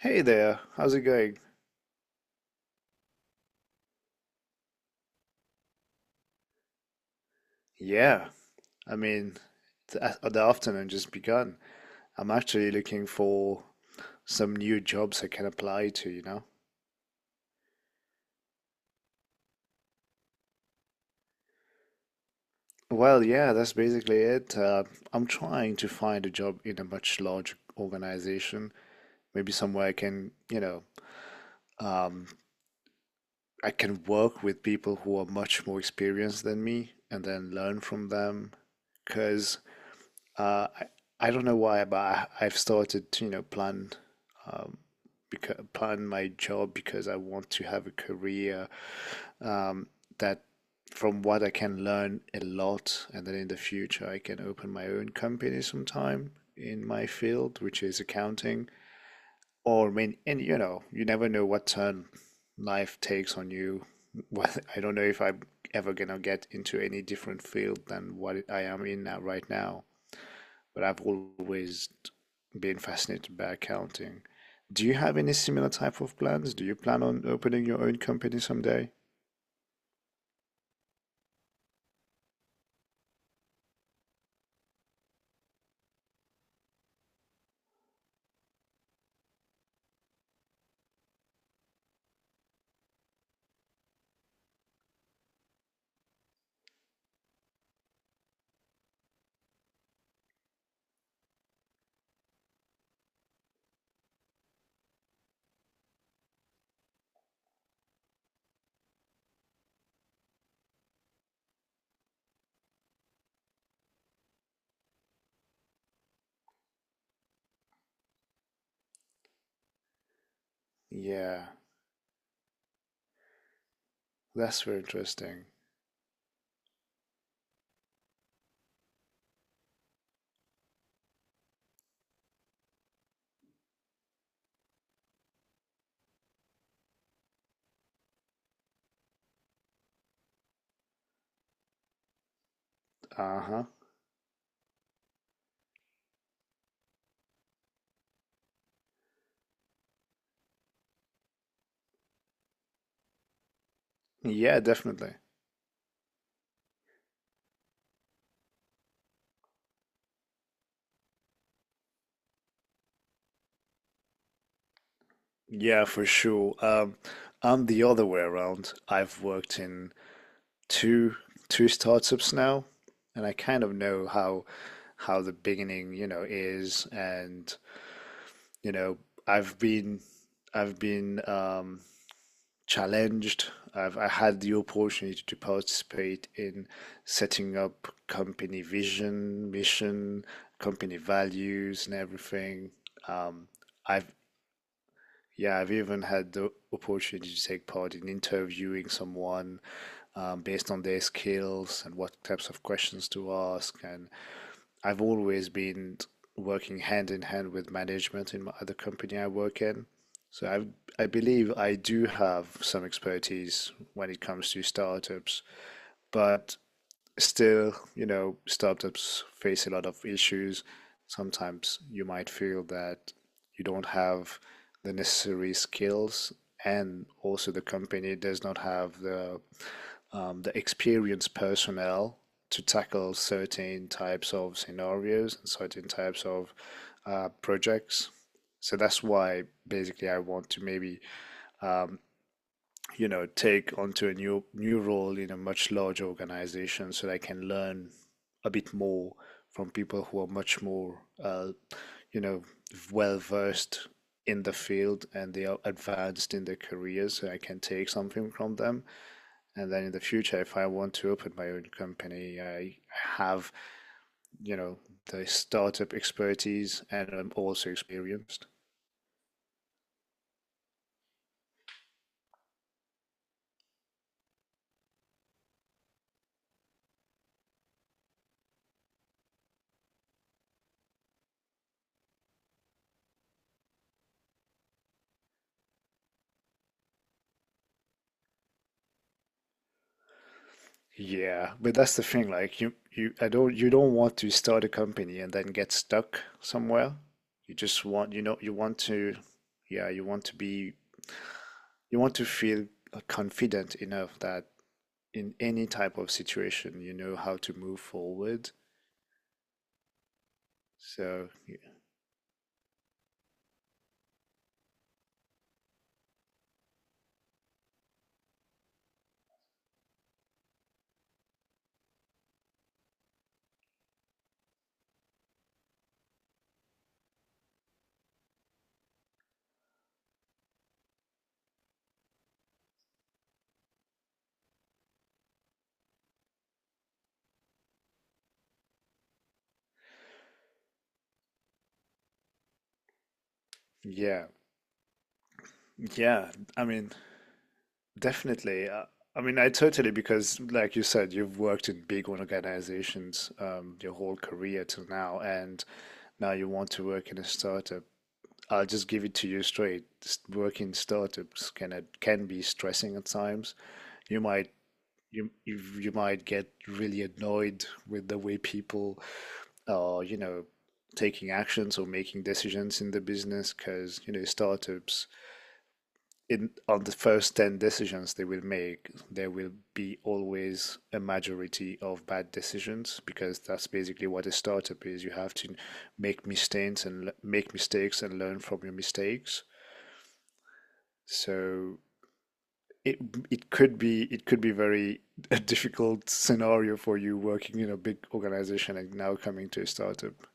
Hey there, how's it going? Yeah, I mean, the afternoon just begun. I'm actually looking for some new jobs I can apply to, you know? Well, yeah, that's basically it. I'm trying to find a job in a much larger organization, maybe somewhere I can, you know, um, I can work with people who are much more experienced than me and then learn from them. Because Uh, I, I don't know why, but I've started to, you know, plan, um, because, plan my job because I want to have a career that from what I can learn a lot, and then in the future I can open my own company sometime in my field, which is accounting. Or I mean, and you know, you never know what turn life takes on you. Well, I don't know if I'm ever gonna get into any different field than what I am in now right now, but I've always been fascinated by accounting. Do you have any similar type of plans? Do you plan on opening your own company someday? Yeah, that's very interesting. Uh-huh. Yeah, definitely. Yeah, for sure. I'm the other way around. I've worked in two two startups now, and I kind of know how the beginning, you know, is and you know, I've been I've been challenged. I had the opportunity to participate in setting up company vision, mission, company values, and everything. Um, I've yeah, I've even had the opportunity to take part in interviewing someone, based on their skills and what types of questions to ask, and I've always been working hand in hand with management in my, other company I work in. So I believe I do have some expertise when it comes to startups, but still, you know, startups face a lot of issues. Sometimes you might feel that you don't have the necessary skills, and also the company does not have the experienced personnel to tackle certain types of scenarios and certain types of projects. So that's why basically I want to maybe, um, you know, take onto a new role in a much larger organization so that I can learn a bit more from people who are much more, you know, well versed in the field, and they are advanced in their careers so I can take something from them. And then in the future, if I want to open my own company, I have, you know, the startup expertise, and I'm also experienced. Yeah, but that's the thing. Like I don't, you don't want to start a company and then get stuck somewhere. You just want, you know, you want to, yeah, you want to be, you want to feel confident enough that in any type of situation, you know how to move forward. So y- yeah, yeah. I mean, definitely. I mean, I totally because, like you said, you've worked in big organizations, your whole career till now, and now you want to work in a startup. I'll just give it to you straight. Working startups can be stressing at times. You might you might get really annoyed with the way people are, you know, taking actions or making decisions in the business because, you know, startups in on the first 10 decisions they will make, there will be always a majority of bad decisions because that's basically what a startup is. You have to make mistakes and learn from your mistakes. So it it could be very a difficult scenario for you working in a big organization and now coming to a startup.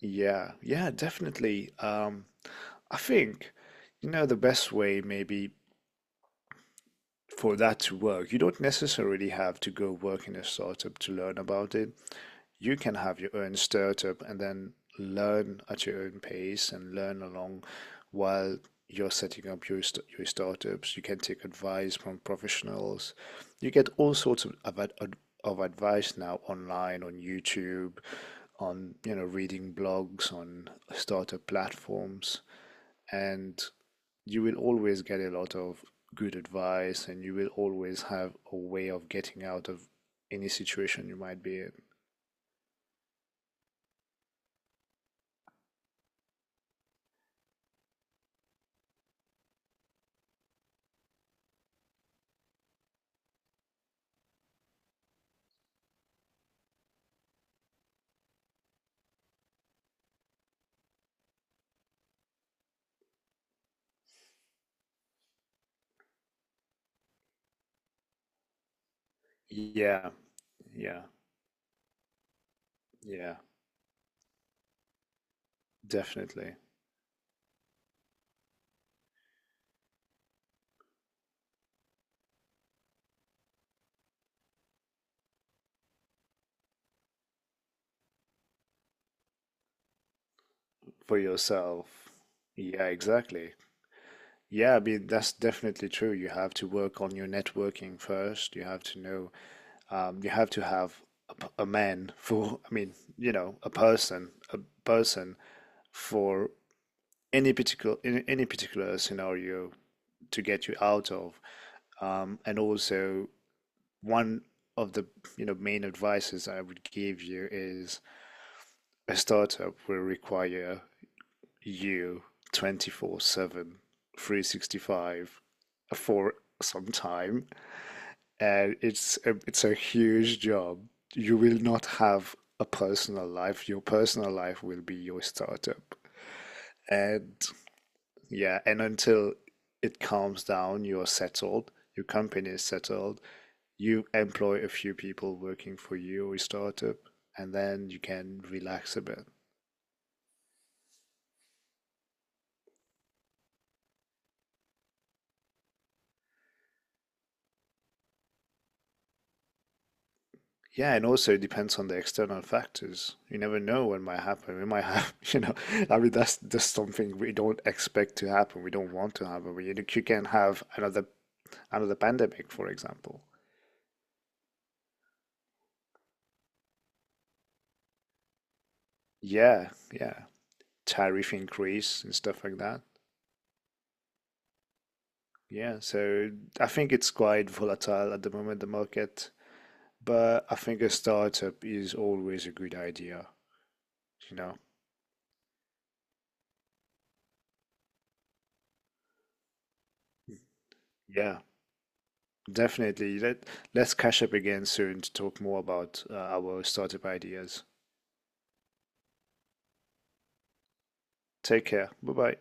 Yeah, yeah, definitely. I think, you know, the best way maybe for that to work, you don't necessarily have to go work in a startup to learn about it. You can have your own startup and then learn at your own pace and learn along while you're setting up your startups. You can take advice from professionals. You get all sorts of advice now online on YouTube, on you know reading blogs on startup platforms, and you will always get a lot of good advice, and you will always have a way of getting out of any situation you might be in. Yeah, yeah, yeah, definitely. For yourself. Yeah, exactly. Yeah, I mean, that's definitely true. You have to work on your networking first. You have to know, you have to have a man for, I mean, you know, a person for any particular in any particular scenario to get you out of. And also, one of the you know main advices I would give you is a startup will require you 24/7, 365 for some time, and it's it's a huge job. You will not have a personal life. Your personal life will be your startup. And yeah, and until it calms down, you're settled, your company is settled, you employ a few people working for you or your startup, and then you can relax a bit. Yeah, and also it depends on the external factors. You never know what might happen. We might have, you know, I mean, that's just something we don't expect to happen. We don't want to happen. We, you can have another pandemic, for example. Yeah, yeah. Tariff increase and stuff like that. Yeah, so I think it's quite volatile at the moment, the market, but I think a startup is always a good idea. You know, yeah, definitely. Let's catch up again soon to talk more about our startup ideas. Take care. Bye bye.